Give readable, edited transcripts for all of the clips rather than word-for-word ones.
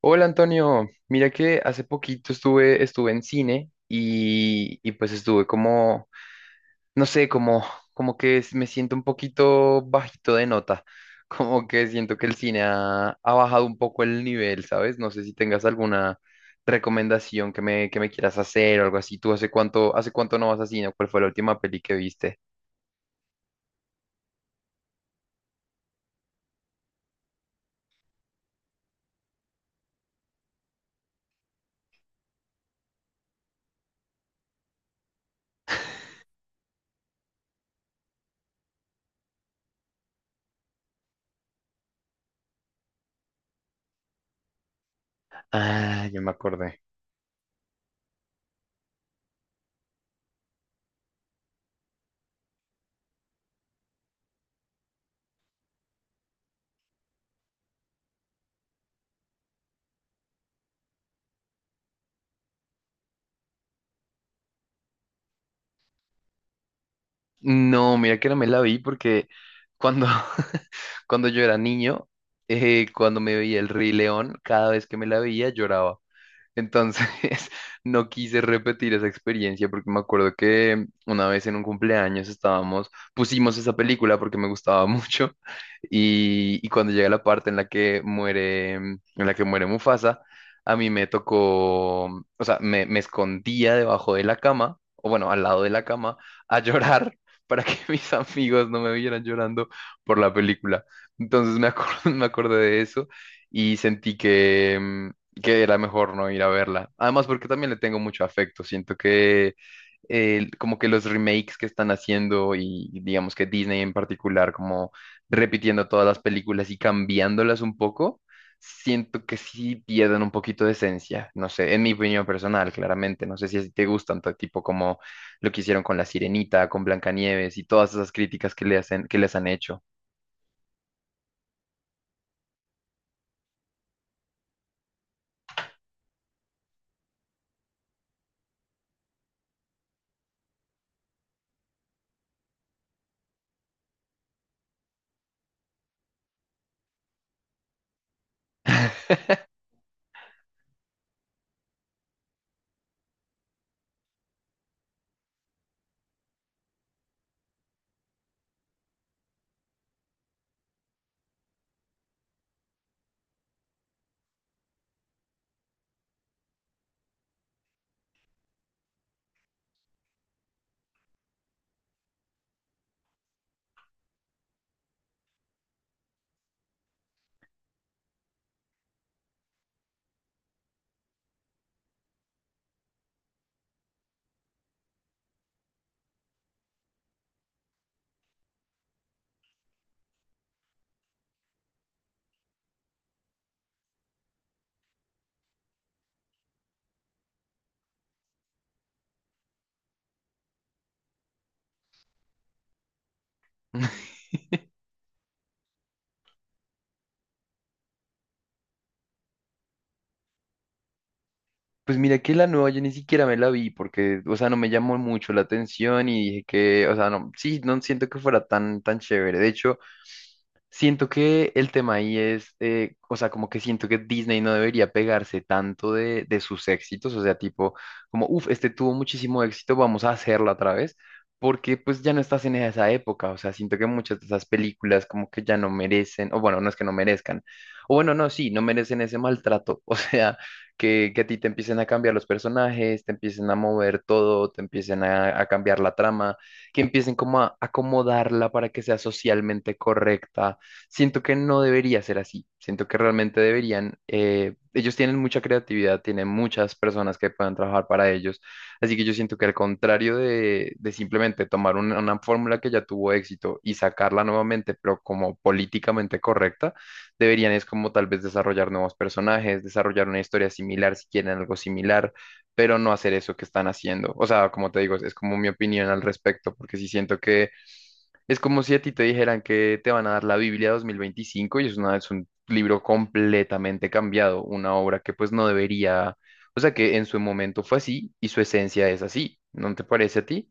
Hola Antonio, mira que hace poquito estuve en cine y pues estuve como, no sé, como, me siento un poquito bajito de nota. Como que siento que el cine ha bajado un poco el nivel, ¿sabes? No sé si tengas alguna recomendación que me quieras hacer o algo así. ¿Tú hace cuánto no vas a cine? ¿Cuál fue la última peli que viste? Ah, yo me acordé. No, mira que no me la vi porque cuando, cuando yo era niño, cuando me veía el Rey León, cada vez que me la veía lloraba. Entonces, no quise repetir esa experiencia porque me acuerdo que una vez en un cumpleaños estábamos, pusimos esa película porque me gustaba mucho y cuando llega la parte en la que muere, en la que muere Mufasa, a mí me tocó, o sea, me escondía debajo de la cama, o bueno, al lado de la cama, a llorar para que mis amigos no me vieran llorando por la película. Entonces me acordé de eso y sentí que, que era mejor no ir a verla. Además, porque también le tengo mucho afecto. Siento que como que los remakes que están haciendo y digamos que Disney en particular, como repitiendo todas las películas y cambiándolas un poco, siento que sí pierden un poquito de esencia. No sé, en mi opinión personal, claramente. No sé si a te gustan, todo tipo como lo que hicieron con La Sirenita, con Blancanieves y todas esas críticas que le hacen, que les han hecho. Pues mira que la nueva yo ni siquiera me la vi porque, o sea, no me llamó mucho la atención y dije que, o sea, no, sí, no siento que fuera tan, tan chévere. De hecho, siento que el tema ahí es, o sea, como que siento que Disney no debería pegarse tanto de sus éxitos, o sea, tipo, como, uff, este tuvo muchísimo éxito, vamos a hacerlo otra vez, porque pues ya no estás en esa época, o sea, siento que muchas de esas películas como que ya no merecen, o bueno, no es que no merezcan, o bueno, no, sí, no merecen ese maltrato, o sea, que a ti te empiecen a cambiar los personajes, te empiecen a mover todo, te empiecen a cambiar la trama, que empiecen como a acomodarla para que sea socialmente correcta. Siento que no debería ser así. Siento que realmente deberían. Ellos tienen mucha creatividad, tienen muchas personas que puedan trabajar para ellos. Así que yo siento que al contrario de simplemente tomar una fórmula que ya tuvo éxito y sacarla nuevamente, pero como políticamente correcta, deberían es como tal vez desarrollar nuevos personajes, desarrollar una historia similar, si quieren algo similar, pero no hacer eso que están haciendo. O sea, como te digo, es como mi opinión al respecto, porque sí siento que es como si a ti te dijeran que te van a dar la Biblia 2025 y es una, es un libro completamente cambiado, una obra que pues no debería, o sea que en su momento fue así y su esencia es así, ¿no te parece a ti?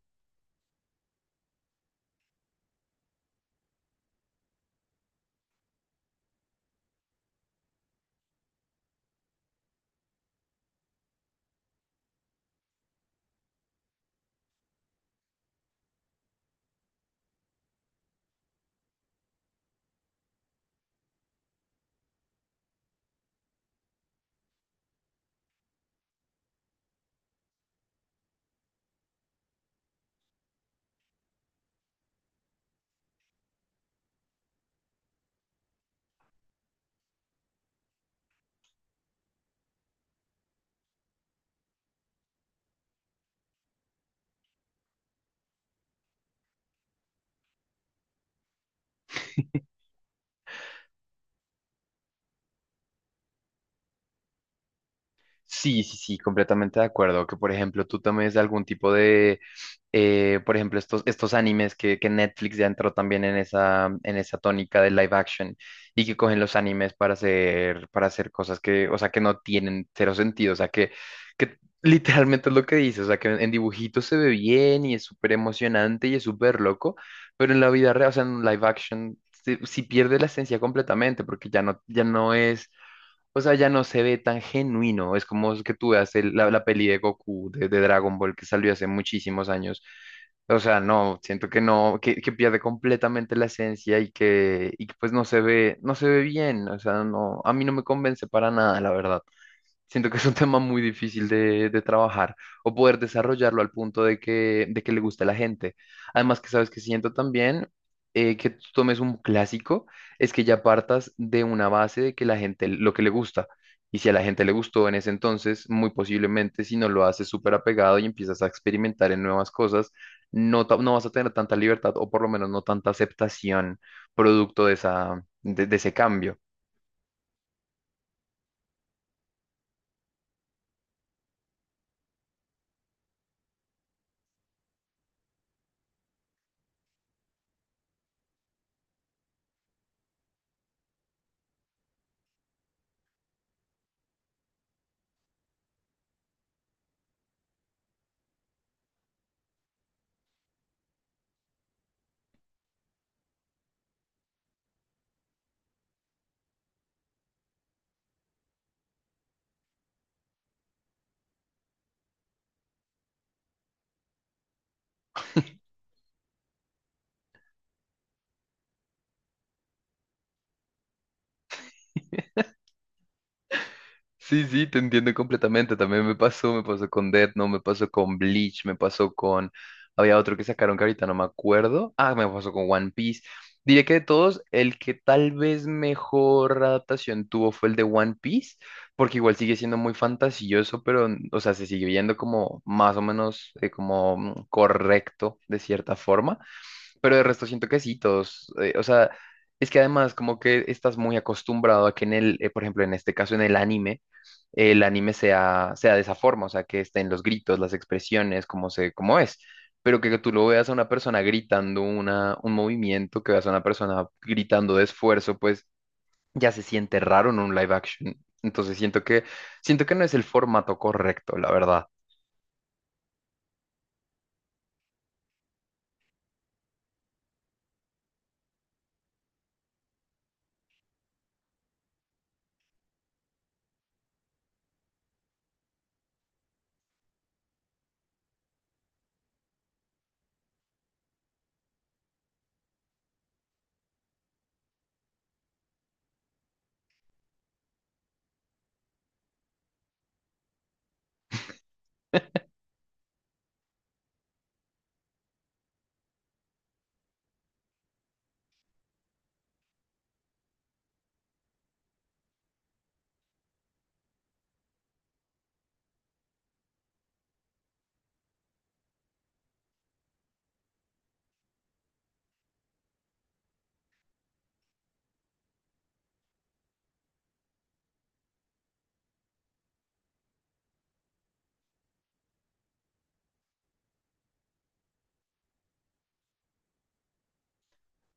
Sí, sí, sí, completamente de acuerdo. Que por ejemplo tú tomes algún tipo de, por ejemplo, estos, estos animes que Netflix ya entró también en esa tónica de live action y que cogen los animes para hacer cosas que, o sea, que no tienen cero sentido. O sea, que literalmente es lo que dices. O sea, que en dibujitos se ve bien y es súper emocionante y es súper loco, pero en la vida real, o sea, en live action, si si pierde la esencia completamente porque ya no, ya no es. O sea, ya no se ve tan genuino. Es como que tú veas la, la peli de Goku de Dragon Ball que salió hace muchísimos años. O sea, no, siento que no, que pierde completamente la esencia y que pues no se ve, no se ve bien. O sea, no, a mí no me convence para nada, la verdad. Siento que es un tema muy difícil de trabajar o poder desarrollarlo al punto de que le guste a la gente. Además que sabes que siento también que tú tomes un clásico, es que ya partas de una base de que la gente lo que le gusta. Y si a la gente le gustó en ese entonces, muy posiblemente si no lo haces súper apegado y empiezas a experimentar en nuevas cosas, no, no vas a tener tanta libertad o por lo menos no tanta aceptación producto de esa, de ese cambio. Sí, sí, te entiendo completamente. También me pasó con Death Note, me pasó con Bleach, me pasó con... Había otro que sacaron que ahorita no me acuerdo. Ah, me pasó con One Piece. Diría que de todos, el que tal vez mejor adaptación tuvo fue el de One Piece, porque igual sigue siendo muy fantasioso, pero, o sea, se sigue viendo como más o menos como correcto de cierta forma. Pero de resto siento que sí, todos, o sea, es que además como que estás muy acostumbrado a que en el, por ejemplo, en este caso en el anime, el anime sea de esa forma, o sea, que estén los gritos, las expresiones, como se, como es, pero que, tú lo veas a una persona gritando una, un movimiento, que veas a una persona gritando de esfuerzo, pues ya se siente raro en un live action. Entonces siento que no es el formato correcto, la verdad.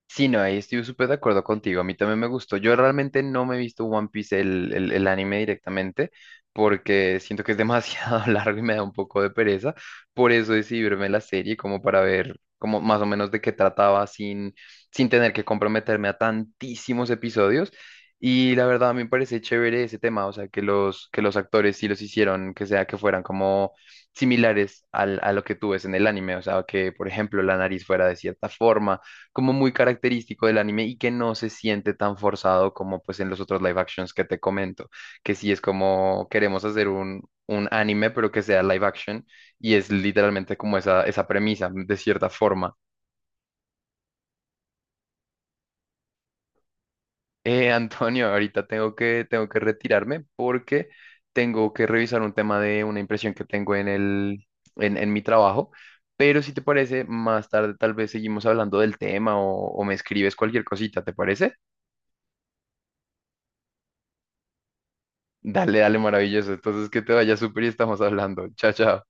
Sí, no, ahí estoy súper de acuerdo contigo. A mí también me gustó. Yo realmente no me he visto One Piece, el, el anime directamente, porque siento que es demasiado largo y me da un poco de pereza. Por eso decidí verme la serie como para ver como más o menos de qué trataba sin, sin tener que comprometerme a tantísimos episodios. Y la verdad, a mí me parece chévere ese tema, o sea, que los actores sí los hicieron, que sea que fueran como similares a lo que tú ves en el anime, o sea, que por ejemplo la nariz fuera de cierta forma como muy característico del anime y que no se siente tan forzado como pues en los otros live actions que te comento, que sí es como queremos hacer un anime pero que sea live action y es literalmente como esa premisa de cierta forma. Antonio, ahorita tengo que retirarme porque tengo que revisar un tema de una impresión que tengo en el, en mi trabajo. Pero si te parece, más tarde tal vez seguimos hablando del tema o me escribes cualquier cosita, ¿te parece? Dale, dale, maravilloso. Entonces, que te vaya súper y estamos hablando. Chao, chao.